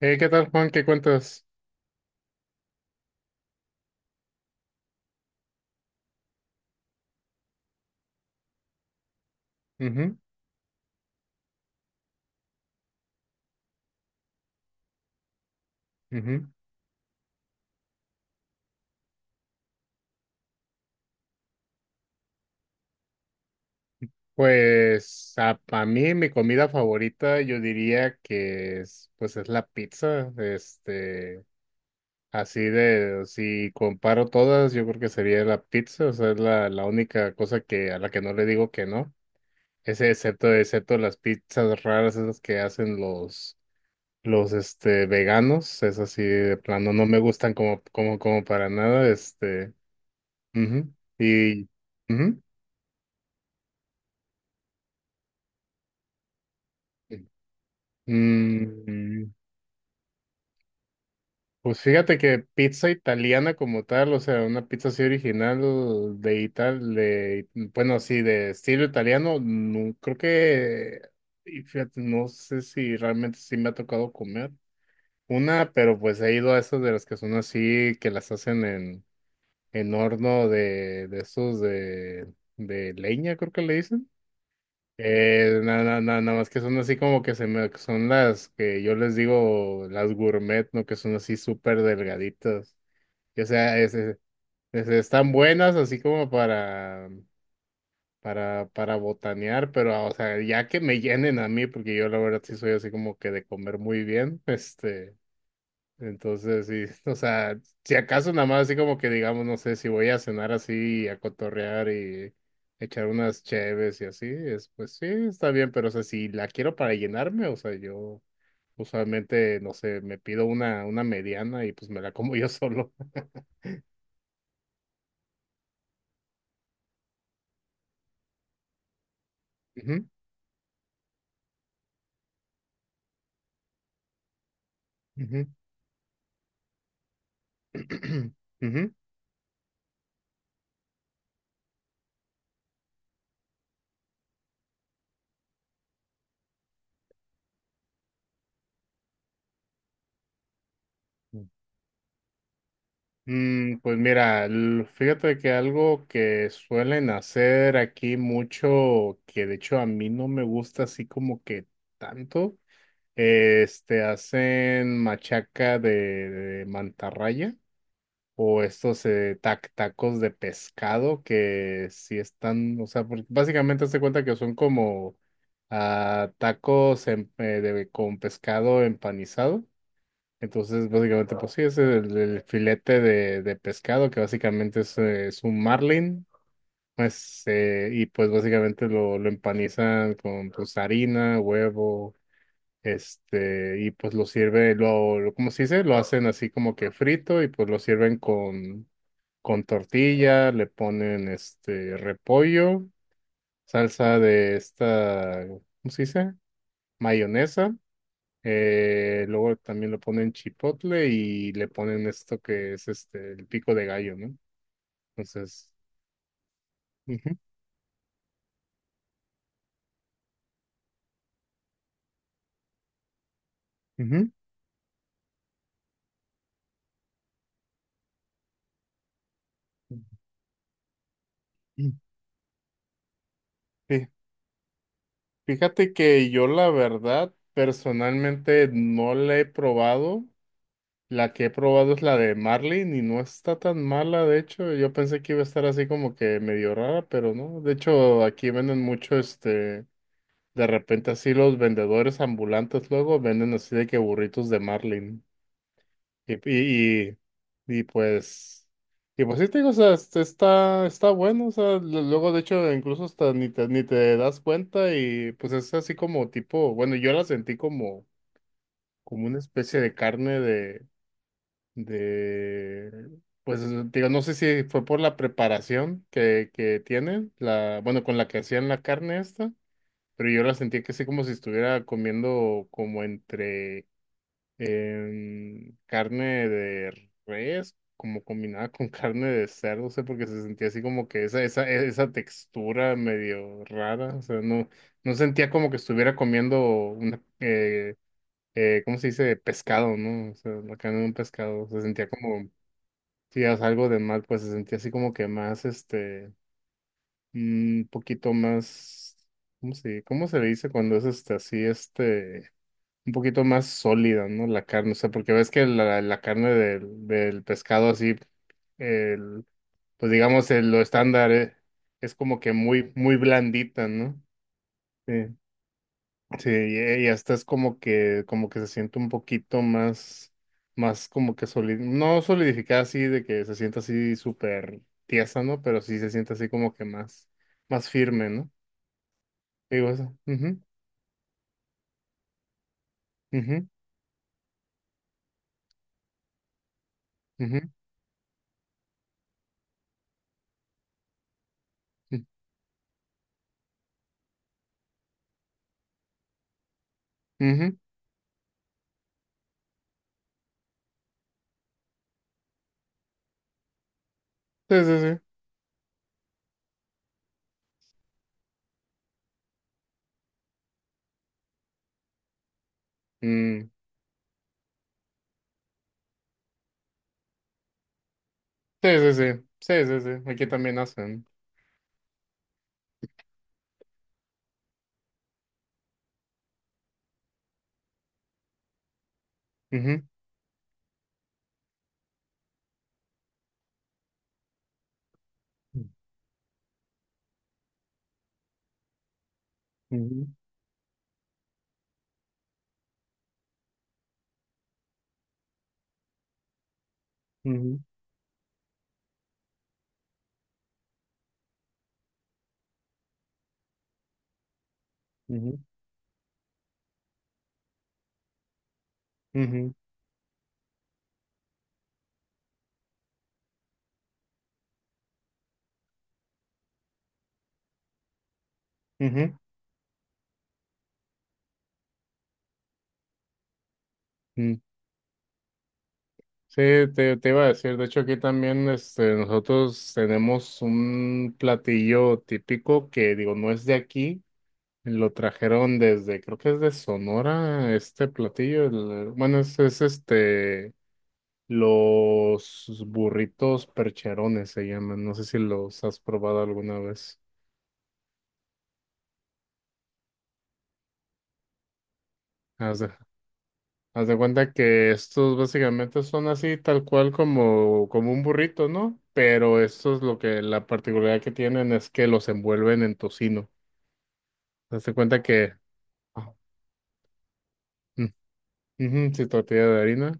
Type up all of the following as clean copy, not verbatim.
¿Qué tal, Juan? ¿Qué cuentas? Ujú, ujú. Pues a mí mi comida favorita yo diría que pues es la pizza. Si comparo todas, yo creo que sería la pizza. O sea, es la única cosa que a la que no le digo que no. Ese excepto las pizzas raras esas que hacen los veganos. Es así de plano, no me gustan como para nada. Ujú. Y ujú. Mm, pues fíjate que pizza italiana como tal, o sea, una pizza así original de, bueno, así de estilo italiano, no, creo que, y fíjate, no sé si realmente sí me ha tocado comer una, pero pues he ido a esas de las que son así, que las hacen en horno de esos de leña, creo que le dicen. Nada más que son así como que son las que yo les digo las gourmet, ¿no? Que son así súper delgaditas. Y, o sea, están buenas así como para botanear, pero o sea, ya que me llenen a mí, porque yo la verdad sí soy así como que de comer muy bien. Entonces, sí, o sea, si acaso nada más así como que digamos, no sé, si voy a cenar así, a cotorrear y echar unas cheves y así, pues sí, está bien, pero o sea, si la quiero para llenarme, o sea, yo usualmente, no sé, me pido una mediana y pues me la como yo solo. Ujú, ujú, ujú. Pues mira, fíjate que algo que suelen hacer aquí mucho, que de hecho a mí no me gusta así como que tanto. Hacen machaca de mantarraya o estos tacos de pescado que sí están, o sea, porque básicamente se cuenta que son como tacos con pescado empanizado. Entonces, básicamente, pues sí, es el filete de pescado que básicamente es un marlin. Pues, y pues básicamente lo empanizan con pues, harina, huevo, y pues lo sirve, lo- ¿cómo se dice? Lo hacen así como que frito y pues lo sirven con tortilla, le ponen este repollo, salsa de esta, ¿cómo se dice? Mayonesa. Luego también le ponen chipotle y le ponen esto que es el pico de gallo, ¿no? Entonces, ujú, ujú. Mm. Fí- Fíjate que yo la verdad personalmente no la he probado. La que he probado es la de Marlin y no está tan mala, de hecho. Yo pensé que iba a estar así como que medio rara, pero no. De hecho, aquí venden mucho, de repente así los vendedores ambulantes luego venden así de que burritos de Marlin. Y, y, y, y pues, y pues sí te digo, o sea, está bueno, o sea, luego de hecho incluso hasta ni te das cuenta y pues es así como tipo, bueno, yo la sentí como una especie de carne de, pues digo, no sé si fue por la preparación que tienen, la, bueno, con la que hacían la carne esta, pero yo la sentía que sí como si estuviera comiendo como entre carne de res, como combinada con carne de cerdo, no sé, porque se sentía así como que esa textura medio rara, o sea, no, no sentía como que estuviera comiendo una. ¿Cómo se dice? Pescado, ¿no? O sea, la carne de un pescado. Se sentía como sí, o algo de mal, pues se sentía así como que más, un poquito más, ¿cómo se le dice cuando es un poquito más sólida, ¿no? La carne, o sea, porque ves que la carne del pescado así, el, pues digamos, el, lo estándar es, como que muy, muy blandita, ¿no? Sí, sí, y hasta es como que se siente un poquito más, más como que no solidificada así, de que se sienta así súper tiesa, ¿no? Pero sí se siente así como que más, más firme, ¿no? Digo eso. Ujú, ujú, ujú, ujú, ujú. Sí, sí, sí. Mm, sí, sí, sí. Sí, sí, sí. Aquí también hacen. Ujú, ujú, ujú, ujú, ujú, ujú. Sí, te iba a decir, de hecho aquí también nosotros tenemos un platillo típico que digo, no es de aquí, lo trajeron desde, creo que es de Sonora, este platillo, bueno, es los burritos percherones se llaman, no sé si los has probado alguna vez. Haz de cuenta que estos básicamente son así tal cual como un burrito, ¿no? Pero estos lo que la particularidad que tienen es que los envuelven en tocino. Haz de cuenta que. Ah, mm, ujú, sí, tortilla de harina.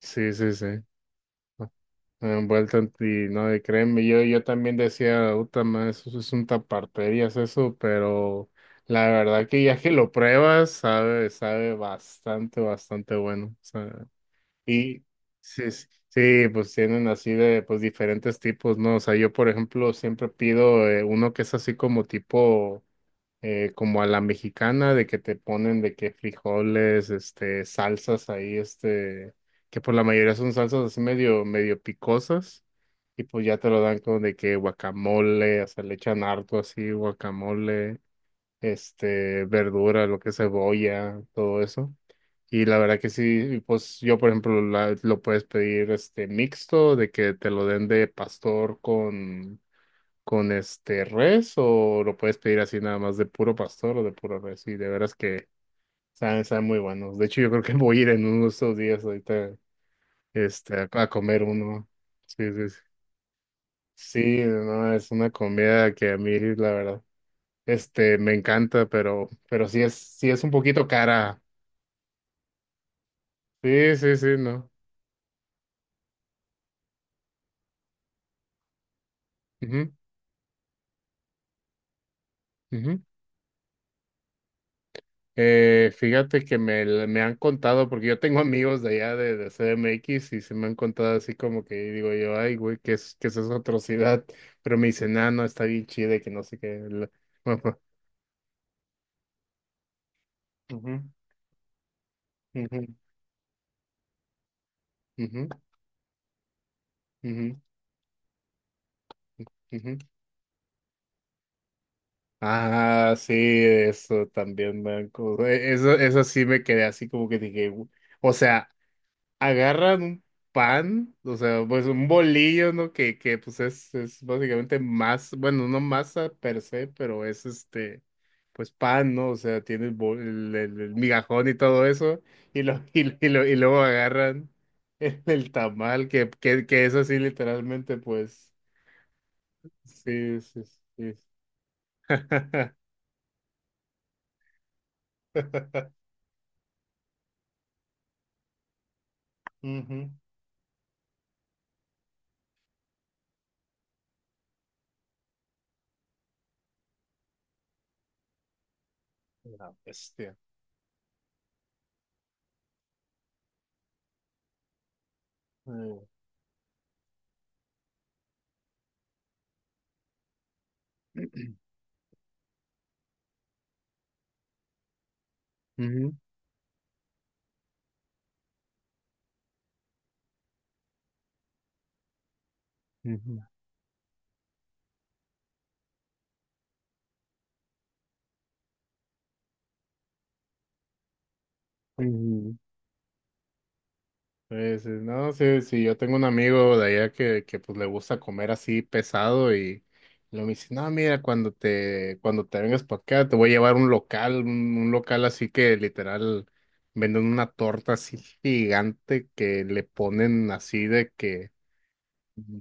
Sí, sí, sí. Ah, envuelta en ti, no, y créeme, yo también decía, uta, ma, eso es un taparterías eso, pero la verdad que ya que lo pruebas, sabe bastante, bastante bueno. Y sí, sí, pues tienen así de pues diferentes tipos, ¿no? O sea, yo por ejemplo siempre pido uno que es así como tipo como a la mexicana de que te ponen de que frijoles, salsas ahí, que por la mayoría son salsas así medio medio picosas y pues ya te lo dan con de que guacamole, o sea, le echan harto así guacamole, verdura, lo que es cebolla, todo eso. Y la verdad que sí, pues yo por ejemplo lo puedes pedir este mixto, de que te lo den de pastor con este res, o lo puedes pedir así nada más de puro pastor o de puro res. Y de veras que saben muy buenos. De hecho, yo creo que voy a ir en uno de estos días ahorita a comer uno. Sí, sí, sí. Sí, no, es una comida que a mí, la verdad, me encanta, pero sí es un poquito cara. Sí, sí, sí, no. Ujú, ujú. Fíjate que me han contado, porque yo tengo amigos de allá de CDMX y se me han contado así como que digo yo, ay, güey, ¿qué es esa atrocidad? Pero me dicen, ah, no, está bien chida y que no sé qué. Ujú, ujú, ujú, ujú, ujú. Ah, sí, eso también, eso sí me quedé así como que dije, o sea". Agarran un pan, o sea, pues un bolillo, ¿no? Que pues es básicamente más, bueno, no masa per se, pero pues pan, ¿no? O sea, tiene el, el migajón y todo eso, y, lo, y luego agarran el tamal, que es así literalmente, pues, sí, sí, sí. Ujú. La bestia. Mm. Ujú, ujú, ujú. Sí, sí, no, sí, sí, yo tengo un amigo de allá que pues le gusta comer así pesado y luego me dice, no, mira, cuando te vengas para acá, te voy a llevar un local, un local así que literal venden una torta así gigante que le ponen así de que mm,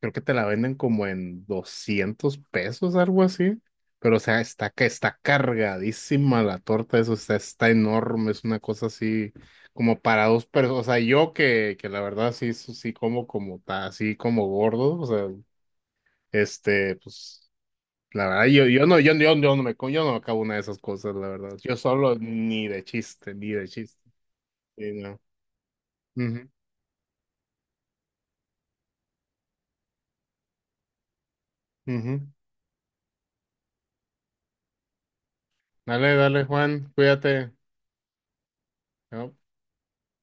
creo que te la venden como en 200 pesos, algo así. Pero, o sea, está cargadísima la torta, eso está enorme, es una cosa así como para dos personas. O sea, yo que la verdad sí, sí sí como así como gordo, o sea, pues, la verdad, yo no yo no me acabo una de esas cosas, la verdad. Yo solo ni de chiste, ni de chiste. Sí, no. Ujú, ujú. Dale, dale, Juan, cuídate. ¿No?